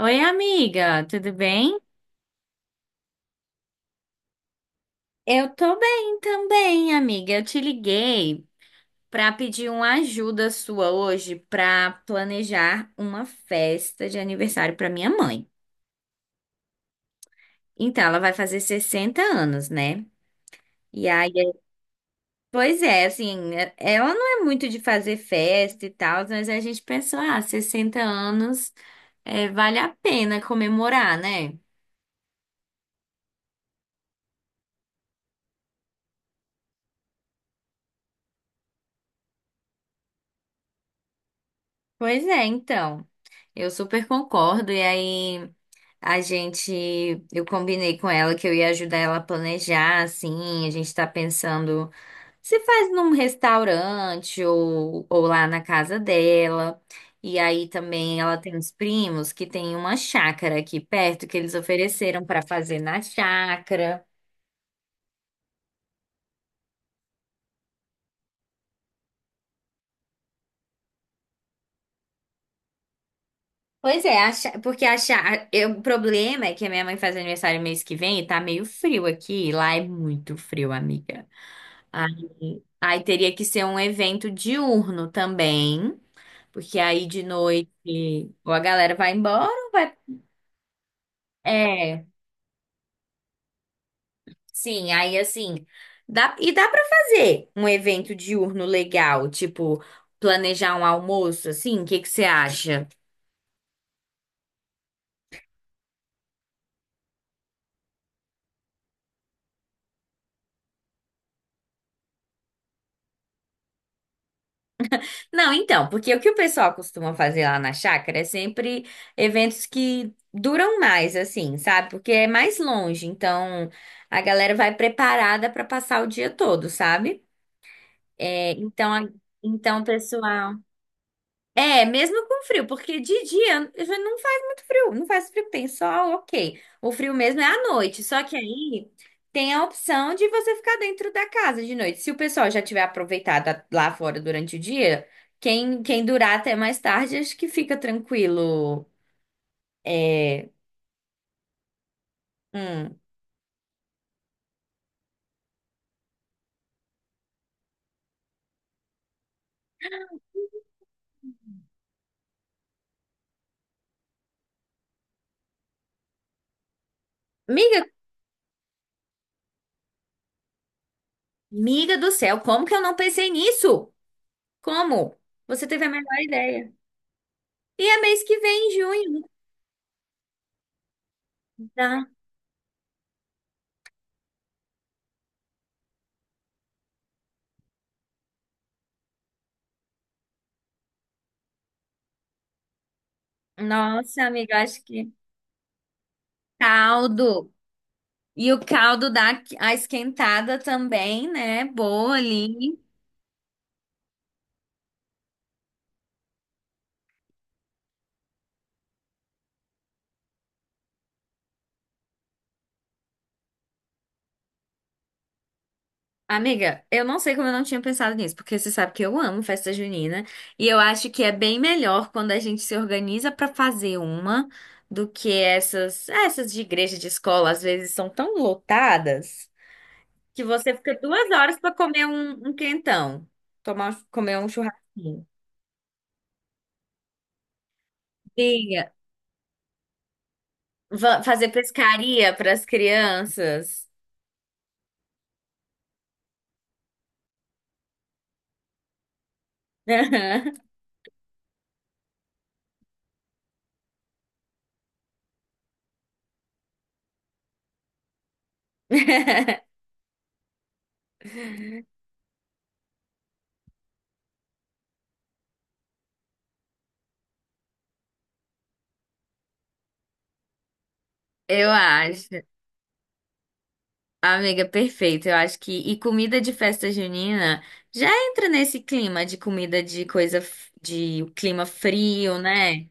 Oi, amiga, tudo bem? Eu tô bem também, amiga. Eu te liguei pra pedir uma ajuda sua hoje pra planejar uma festa de aniversário pra minha mãe. Então, ela vai fazer 60 anos, né? E aí, pois é, assim, ela não é muito de fazer festa e tal, mas a gente pensou, ah, 60 anos, é, vale a pena comemorar, né? Pois é, então. Eu super concordo. E aí. A gente, eu combinei com ela que eu ia ajudar ela a planejar, assim, a gente tá pensando se faz num restaurante ou lá na casa dela. E aí também ela tem uns primos que tem uma chácara aqui perto que eles ofereceram pra fazer na chácara. Pois é, a chá- porque a chá- eu- o problema é que a minha mãe faz aniversário mês que vem e tá meio frio aqui, e lá é muito frio, amiga. Aí teria que ser um evento diurno também. Porque aí de noite ou a galera vai embora, ou vai. É, sim, aí assim. E dá pra fazer um evento diurno legal, tipo, planejar um almoço, assim, o que que você acha? Não, então, porque o que o pessoal costuma fazer lá na chácara é sempre eventos que duram mais, assim, sabe? Porque é mais longe, então a galera vai preparada pra passar o dia todo, sabe? É, então, a- então, pessoal. É, mesmo com frio, porque de dia já não faz muito frio, não faz frio, tem sol, ok. O frio mesmo é à noite, só que aí tem a opção de você ficar dentro da casa de noite. Se o pessoal já tiver aproveitado lá fora durante o dia, quem durar até mais tarde, acho que fica tranquilo. É, hum. Miga, miga do céu, como que eu não pensei nisso? Como? Você teve a melhor ideia. E é mês que vem, em junho, tá? Nossa, amiga, acho que caldo. E o caldo dá a esquentada também, né? Boa ali. Amiga, eu não sei como eu não tinha pensado nisso, porque você sabe que eu amo festa junina e eu acho que é bem melhor quando a gente se organiza pra fazer uma do que essas de igreja de escola, às vezes são tão lotadas que você fica 2 horas pra comer um quentão, comer um churrasquinho. Amiga, fazer pescaria pras crianças. Eu acho. Amiga, perfeito. Eu acho que. E comida de festa junina já entra nesse clima de comida de coisa. De clima frio, né?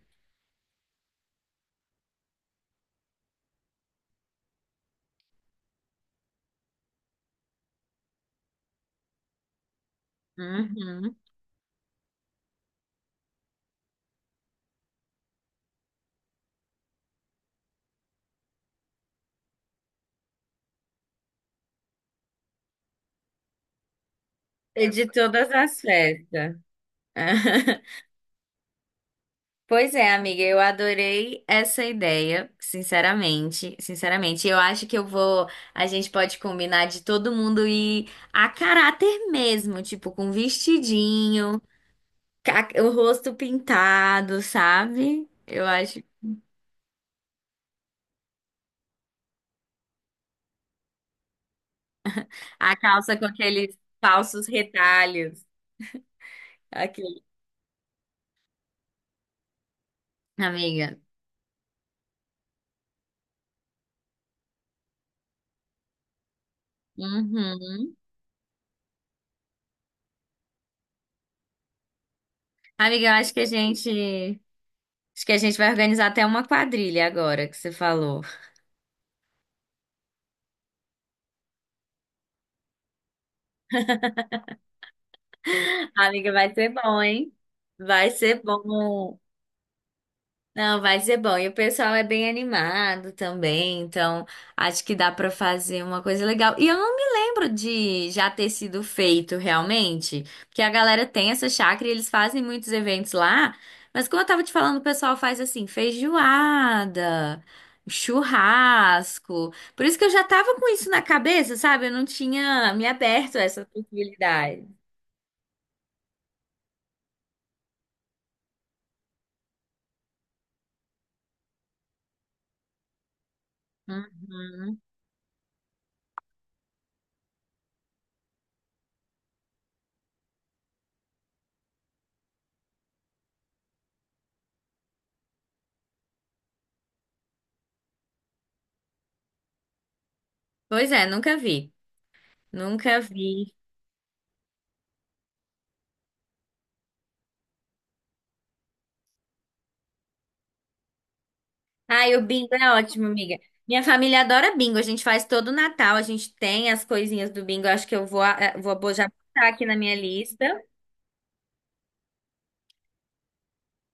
Uhum. E de todas as festas. Pois é, amiga, eu adorei essa ideia, sinceramente, sinceramente. Eu acho que eu vou, a gente pode combinar de todo mundo ir a caráter mesmo, tipo com vestidinho, o rosto pintado, sabe? Eu acho. A calça com aqueles falsos retalhos. Aqui, amiga. Uhum. Amiga, eu acho que a gente. Acho que a gente vai organizar até uma quadrilha agora que você falou. Amiga, vai ser bom, hein? Vai ser bom. Não, vai ser bom. E o pessoal é bem animado também, então acho que dá pra fazer uma coisa legal. E eu não me lembro de já ter sido feito realmente, porque a galera tem essa chácara e eles fazem muitos eventos lá, mas como eu tava te falando, o pessoal faz assim, feijoada, churrasco. Por isso que eu já tava com isso na cabeça, sabe? Eu não tinha me aberto a essa possibilidade. Uhum. Pois é, nunca vi. Nunca vi. Ai, o bingo é ótimo, amiga. Minha família adora bingo. A gente faz todo o Natal, a gente tem as coisinhas do bingo. Eu acho que eu vou, eh, vou já botar aqui na minha lista.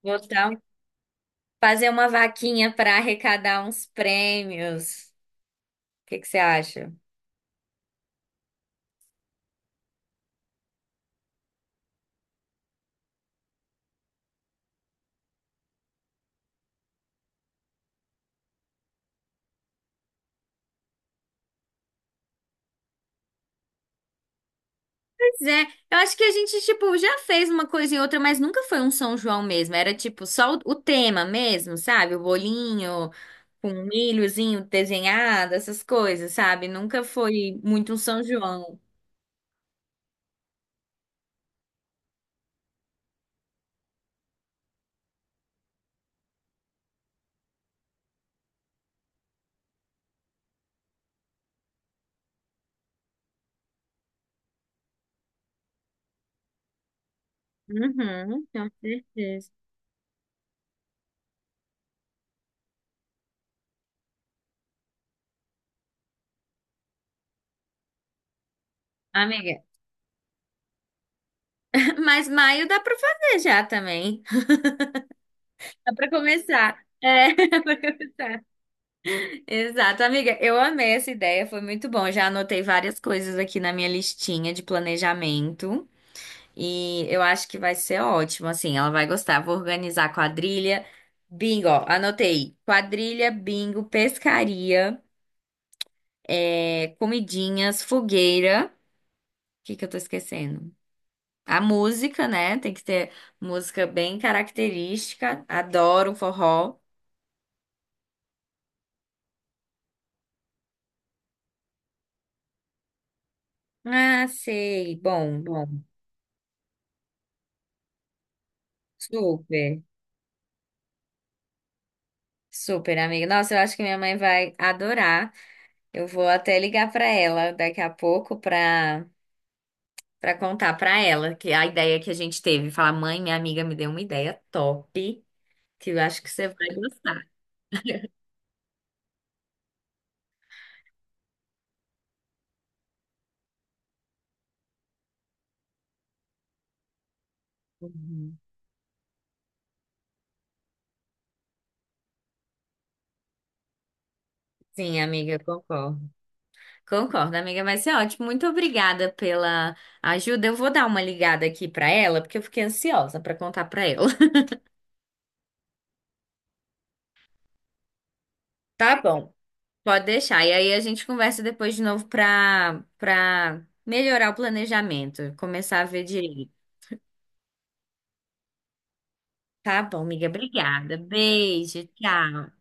Vou tá- fazer uma vaquinha para arrecadar uns prêmios. O que que você acha? Pois é, eu acho que a gente, tipo, já fez uma coisa e outra, mas nunca foi um São João mesmo. Era, tipo, o tema mesmo, sabe? O bolinho com milhozinho desenhado, essas coisas, sabe? Nunca foi muito um São João. Uhum, com certeza. Amiga, mas maio dá para fazer já também. Dá para começar. É, para começar. Exato, amiga, eu amei essa ideia, foi muito bom. Já anotei várias coisas aqui na minha listinha de planejamento e eu acho que vai ser ótimo, assim, ela vai gostar. Vou organizar quadrilha, bingo, ó, anotei. Quadrilha, bingo, pescaria, é, comidinhas, fogueira. O que que eu tô esquecendo? A música, né? Tem que ter música bem característica. Adoro um forró. Ah, sei. Bom, bom. Super, super, amiga. Nossa, eu acho que minha mãe vai adorar. Eu vou até ligar pra ela daqui a pouco pra para contar pra ela que a ideia que a gente teve. Falar, mãe, minha amiga me deu uma ideia top, que eu acho que você vai gostar. Uhum. Sim, amiga, eu concordo. Concordo, amiga, mas é ótimo. Muito obrigada pela ajuda. Eu vou dar uma ligada aqui pra ela, porque eu fiquei ansiosa pra contar pra ela. Tá bom. Pode deixar. E aí a gente conversa depois de novo pra para melhorar o planejamento, começar a ver direito. Tá bom, amiga, obrigada. Beijo, tchau.